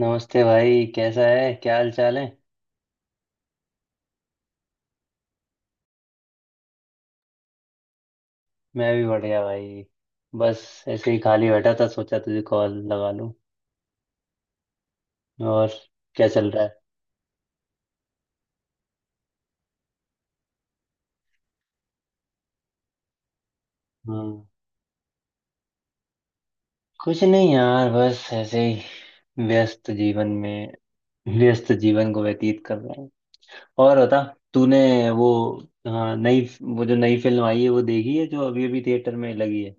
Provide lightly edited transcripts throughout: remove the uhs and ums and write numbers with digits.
नमस्ते भाई, कैसा है? क्या हाल चाल है? मैं भी बढ़िया भाई। बस ऐसे ही खाली बैठा था, सोचा तुझे कॉल लगा लूं। और क्या चल रहा है? हाँ, कुछ नहीं यार, बस ऐसे ही व्यस्त जीवन में व्यस्त जीवन को व्यतीत कर रहा हूँ। और बता। तूने वो हाँ, नई, वो जो नई फिल्म आई है वो देखी है, जो अभी अभी थिएटर में लगी है?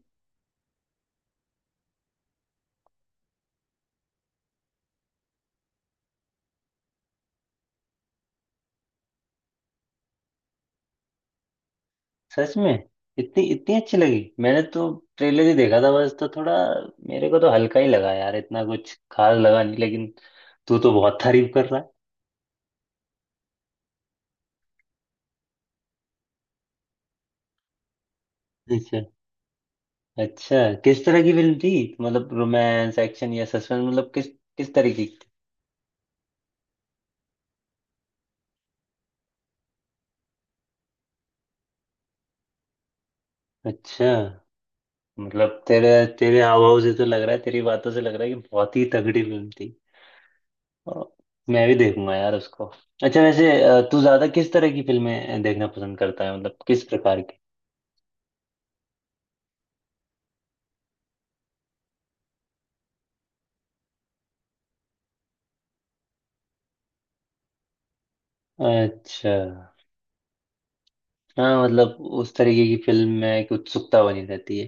सच में इतनी इतनी अच्छी लगी? मैंने तो ट्रेलर ही देखा था बस, तो थोड़ा मेरे को तो हल्का ही लगा यार, इतना कुछ खास लगा नहीं, लेकिन तू तो बहुत तारीफ कर रहा है। अच्छा, अच्छा। किस तरह की फिल्म थी? मतलब रोमांस, एक्शन या सस्पेंस, मतलब किस किस तरीके की थी? अच्छा मतलब तेरे तेरे हाव भाव से तो लग रहा है तेरी बातों से लग रहा है कि बहुत ही तगड़ी फिल्म थी और मैं भी देखूंगा यार उसको अच्छा वैसे अ, तू ज्यादा किस तरह की फिल्में देखना पसंद करता है मतलब किस प्रकार की अच्छा। हाँ, मतलब उस तरीके की फिल्म में एक उत्सुकता बनी रहती है।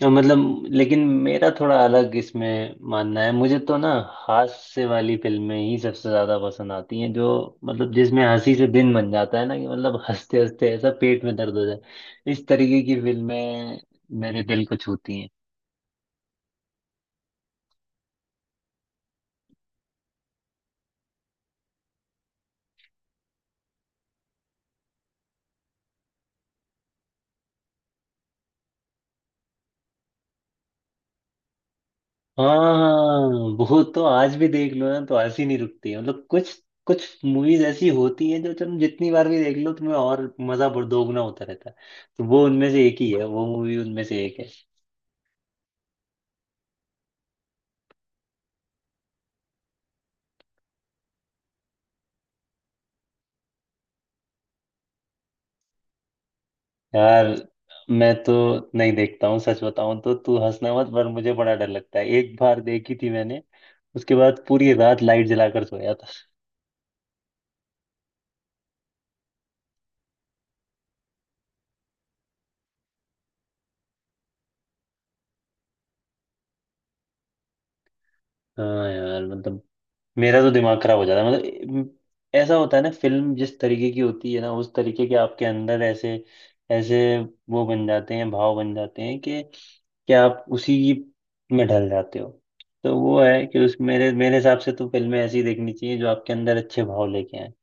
तो मतलब, लेकिन मेरा थोड़ा अलग इसमें मानना है, मुझे तो ना हास्य वाली फिल्में ही सबसे ज्यादा पसंद आती हैं जो, मतलब जिसमें हंसी से दिन बन जाता है, ना कि मतलब हंसते हंसते ऐसा पेट में दर्द हो जाए, इस तरीके की फिल्में मेरे दिल को छूती हैं। हाँ, वो तो आज भी देख लो ना तो हंसी नहीं रुकती है। मतलब कुछ कुछ मूवीज ऐसी होती हैं जो तुम जितनी बार भी देख लो, तुम्हें और मजा दोगुना होता रहता है। तो वो उनमें से एक ही है, वो मूवी उनमें से एक है। यार, मैं तो नहीं देखता हूँ, सच बताऊं तो। तू हंसना मत, पर मुझे बड़ा डर लगता है। एक बार देखी थी मैंने, उसके बाद पूरी रात लाइट जलाकर सोया था। हाँ यार, मतलब मेरा तो दिमाग खराब हो जाता है। मतलब ऐसा होता है ना, फिल्म जिस तरीके की होती है ना, उस तरीके के आपके अंदर ऐसे ऐसे वो बन जाते हैं, भाव बन जाते हैं कि आप उसी में ढल जाते हो। तो वो है कि उस मेरे मेरे हिसाब से तो फिल्में ऐसी देखनी चाहिए जो आपके अंदर अच्छे भाव लेके आए।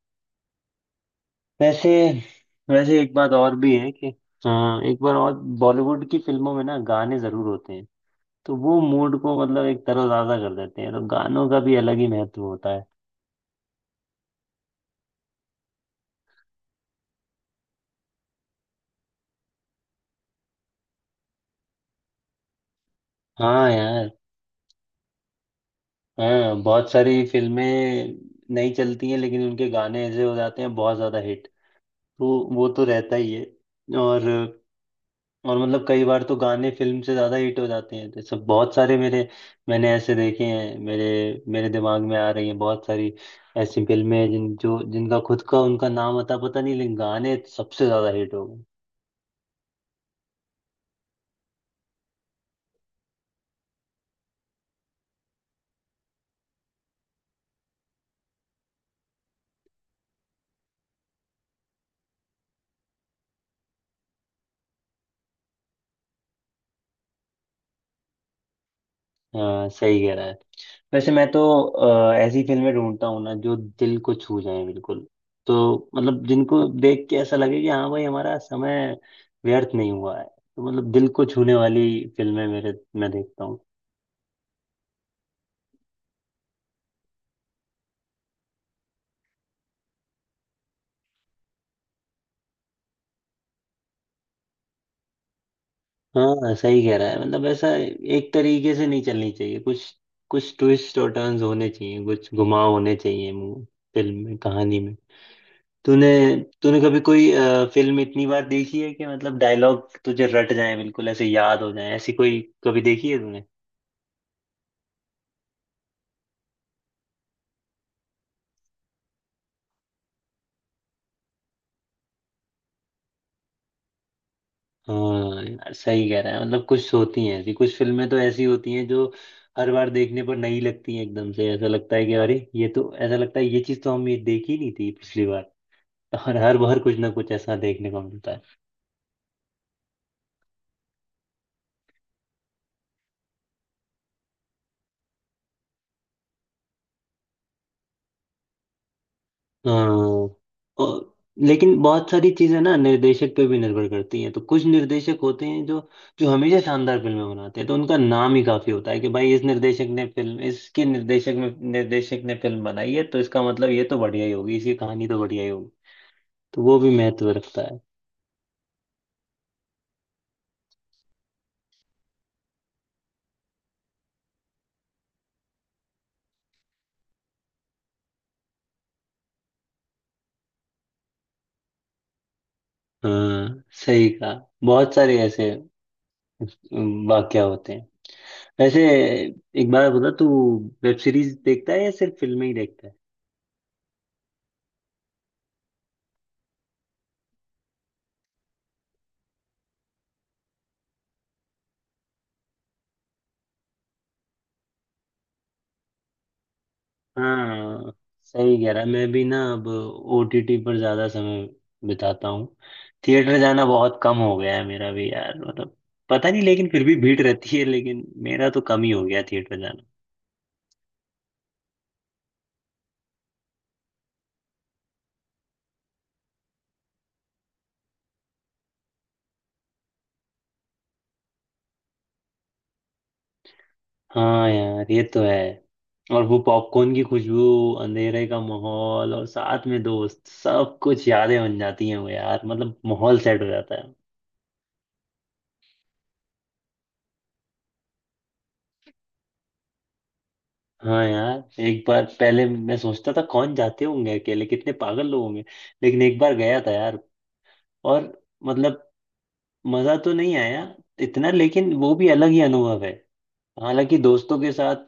वैसे, एक बात और भी है कि हाँ, एक बार और बॉलीवुड की फिल्मों में ना गाने जरूर होते हैं। तो वो मूड को, मतलब एक तरोताजा कर देते हैं, तो गानों का भी अलग ही महत्व होता है। हाँ यार। हाँ, बहुत सारी फिल्में नहीं चलती हैं लेकिन उनके गाने ऐसे हो जाते हैं बहुत ज्यादा हिट। तो वो तो रहता ही है। और और मतलब कई बार तो गाने फिल्म से ज्यादा हिट हो जाते हैं। तो सब बहुत सारे मेरे, मैंने ऐसे देखे हैं। मेरे मेरे दिमाग में आ रही हैं बहुत सारी ऐसी फिल्में हैं जिनका खुद का उनका नाम अता पता नहीं, लेकिन गाने सबसे ज्यादा हिट हो गए। हाँ, सही कह रहा है। वैसे मैं तो ऐसी फिल्में ढूंढता हूँ ना जो दिल को छू जाए बिल्कुल। तो मतलब जिनको देख के ऐसा लगे कि हाँ भाई हमारा समय व्यर्थ नहीं हुआ है। तो मतलब दिल को छूने वाली फिल्में मेरे, मैं देखता हूँ। हाँ सही कह रहा है, मतलब ऐसा एक तरीके से नहीं चलनी चाहिए। कुछ, कुछ ट्विस्ट और टर्न्स होने चाहिए, कुछ घुमाव होने चाहिए, फिल्म में, कहानी में। तूने तूने कभी कोई फिल्म इतनी बार देखी है कि मतलब डायलॉग तुझे रट जाए, बिल्कुल ऐसे याद हो जाए, ऐसी कोई कभी देखी है तूने? हाँ यार सही कह रहा है, मतलब कुछ होती हैं ऐसी, कुछ फिल्में तो ऐसी होती हैं जो हर बार देखने पर नई लगती हैं। एकदम से ऐसा लगता है कि अरे ये तो, ऐसा लगता है ये चीज़ तो हम, ये देखी नहीं थी पिछली बार। और हर बार कुछ ना कुछ ऐसा देखने को मिलता है। हाँ। और लेकिन बहुत सारी चीजें ना निर्देशक पे भी निर्भर करती हैं। तो कुछ निर्देशक होते हैं जो जो हमेशा शानदार फिल्में बनाते हैं। तो उनका नाम ही काफी होता है कि भाई इस निर्देशक ने फिल्म, इसके निर्देशक में, निर्देशक ने फिल्म बनाई है, तो इसका मतलब ये तो बढ़िया ही होगी, इसकी कहानी तो बढ़िया ही होगी। तो वो भी महत्व रखता है। हाँ सही कहा, बहुत सारे ऐसे वाक्य होते हैं। वैसे एक बार बता तू, वेब सीरीज देखता है या सिर्फ फिल्में ही देखता है? हाँ सही कह रहा है। मैं भी ना अब ओटीटी पर ज्यादा समय बिताता हूँ। थिएटर जाना बहुत कम हो गया है मेरा भी यार, मतलब पता नहीं, लेकिन फिर भी भीड़ रहती है, लेकिन मेरा तो कम ही हो गया थिएटर जाना। हाँ यार ये तो है। और वो पॉपकॉर्न की खुशबू, अंधेरे का माहौल, और साथ में दोस्त, सब कुछ यादें बन जाती हैं वो यार, मतलब माहौल सेट हो जाता है। हाँ यार, एक बार पहले मैं सोचता था कौन जाते होंगे अकेले, कितने पागल लोग होंगे। लेकिन एक बार गया था यार, और मतलब मजा तो नहीं आया इतना, लेकिन वो भी अलग ही अनुभव है। हालांकि दोस्तों के साथ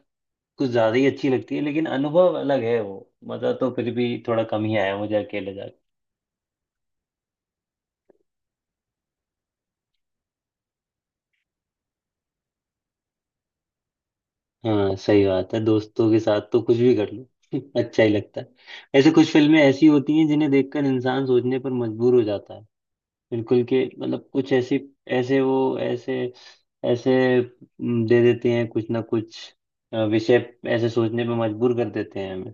कुछ ज्यादा ही अच्छी लगती है, लेकिन अनुभव अलग है वो। मजा तो फिर भी थोड़ा कम ही आया मुझे अकेले जाकर। हाँ सही बात है, दोस्तों के साथ तो कुछ भी कर लो अच्छा ही लगता है। ऐसे कुछ फिल्में ऐसी होती हैं जिन्हें देखकर इंसान सोचने पर मजबूर हो जाता है, बिल्कुल के मतलब, कुछ ऐसी, ऐसे वो ऐसे ऐसे दे देते हैं कुछ ना कुछ विषय, ऐसे सोचने पर मजबूर कर देते हैं हमें।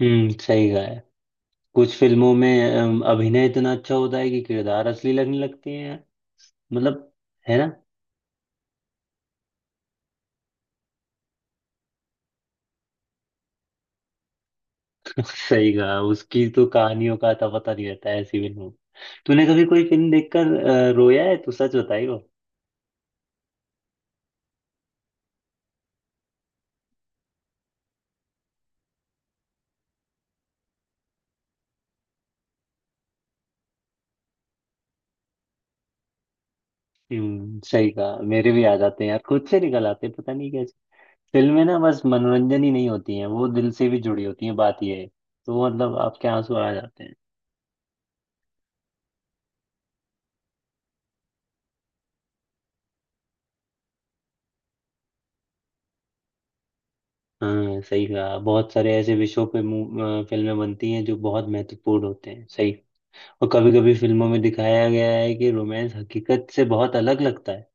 हम्म, सही कहा है। कुछ फिल्मों में अभिनय इतना अच्छा होता है कि किरदार असली लगने लगते हैं, मतलब, है ना? सही कहा, उसकी तो कहानियों का तो पता नहीं रहता है ऐसी फिल्मों। तूने कभी कोई फिल्म देखकर रोया है तो सच बताइयो। सही कहा, मेरे भी याद आते हैं यार, खुद से निकल आते हैं पता नहीं कैसे। फिल्में ना बस मनोरंजन ही नहीं होती हैं, वो दिल से भी जुड़ी होती हैं, बात ये है। तो मतलब आपके आंसू आ जाते हैं। हाँ सही कहा, बहुत सारे ऐसे विषयों पे फिल्में बनती हैं जो बहुत महत्वपूर्ण होते हैं, सही। और कभी कभी फिल्मों में दिखाया गया है कि रोमांस हकीकत से बहुत अलग लगता है।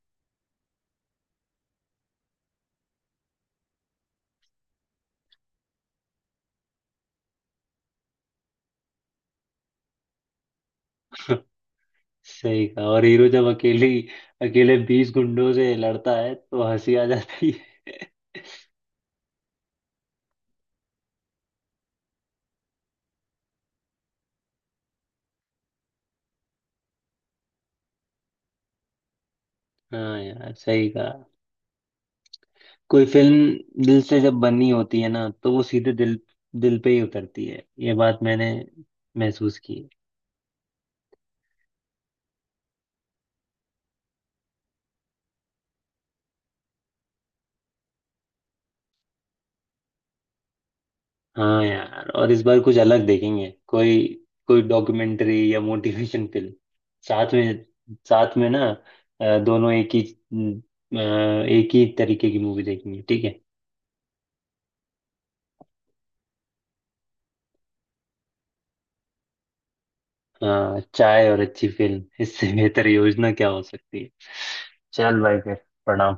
सही कहा, और हीरो जब अकेली अकेले 20 गुंडों से लड़ता है तो हंसी आ जाती है। हाँ यार सही कहा। कोई फिल्म दिल से जब बनी होती है ना, तो वो सीधे दिल दिल पे ही उतरती है, ये बात मैंने महसूस की है। हाँ यार, और इस बार कुछ अलग देखेंगे, कोई कोई डॉक्यूमेंट्री या मोटिवेशन फिल्म साथ में, ना दोनों एक ही एक ही तरीके की मूवी देखेंगे, ठीक है। हाँ, चाय और अच्छी फिल्म, इससे बेहतर योजना क्या हो सकती है? चल भाई फिर, प्रणाम।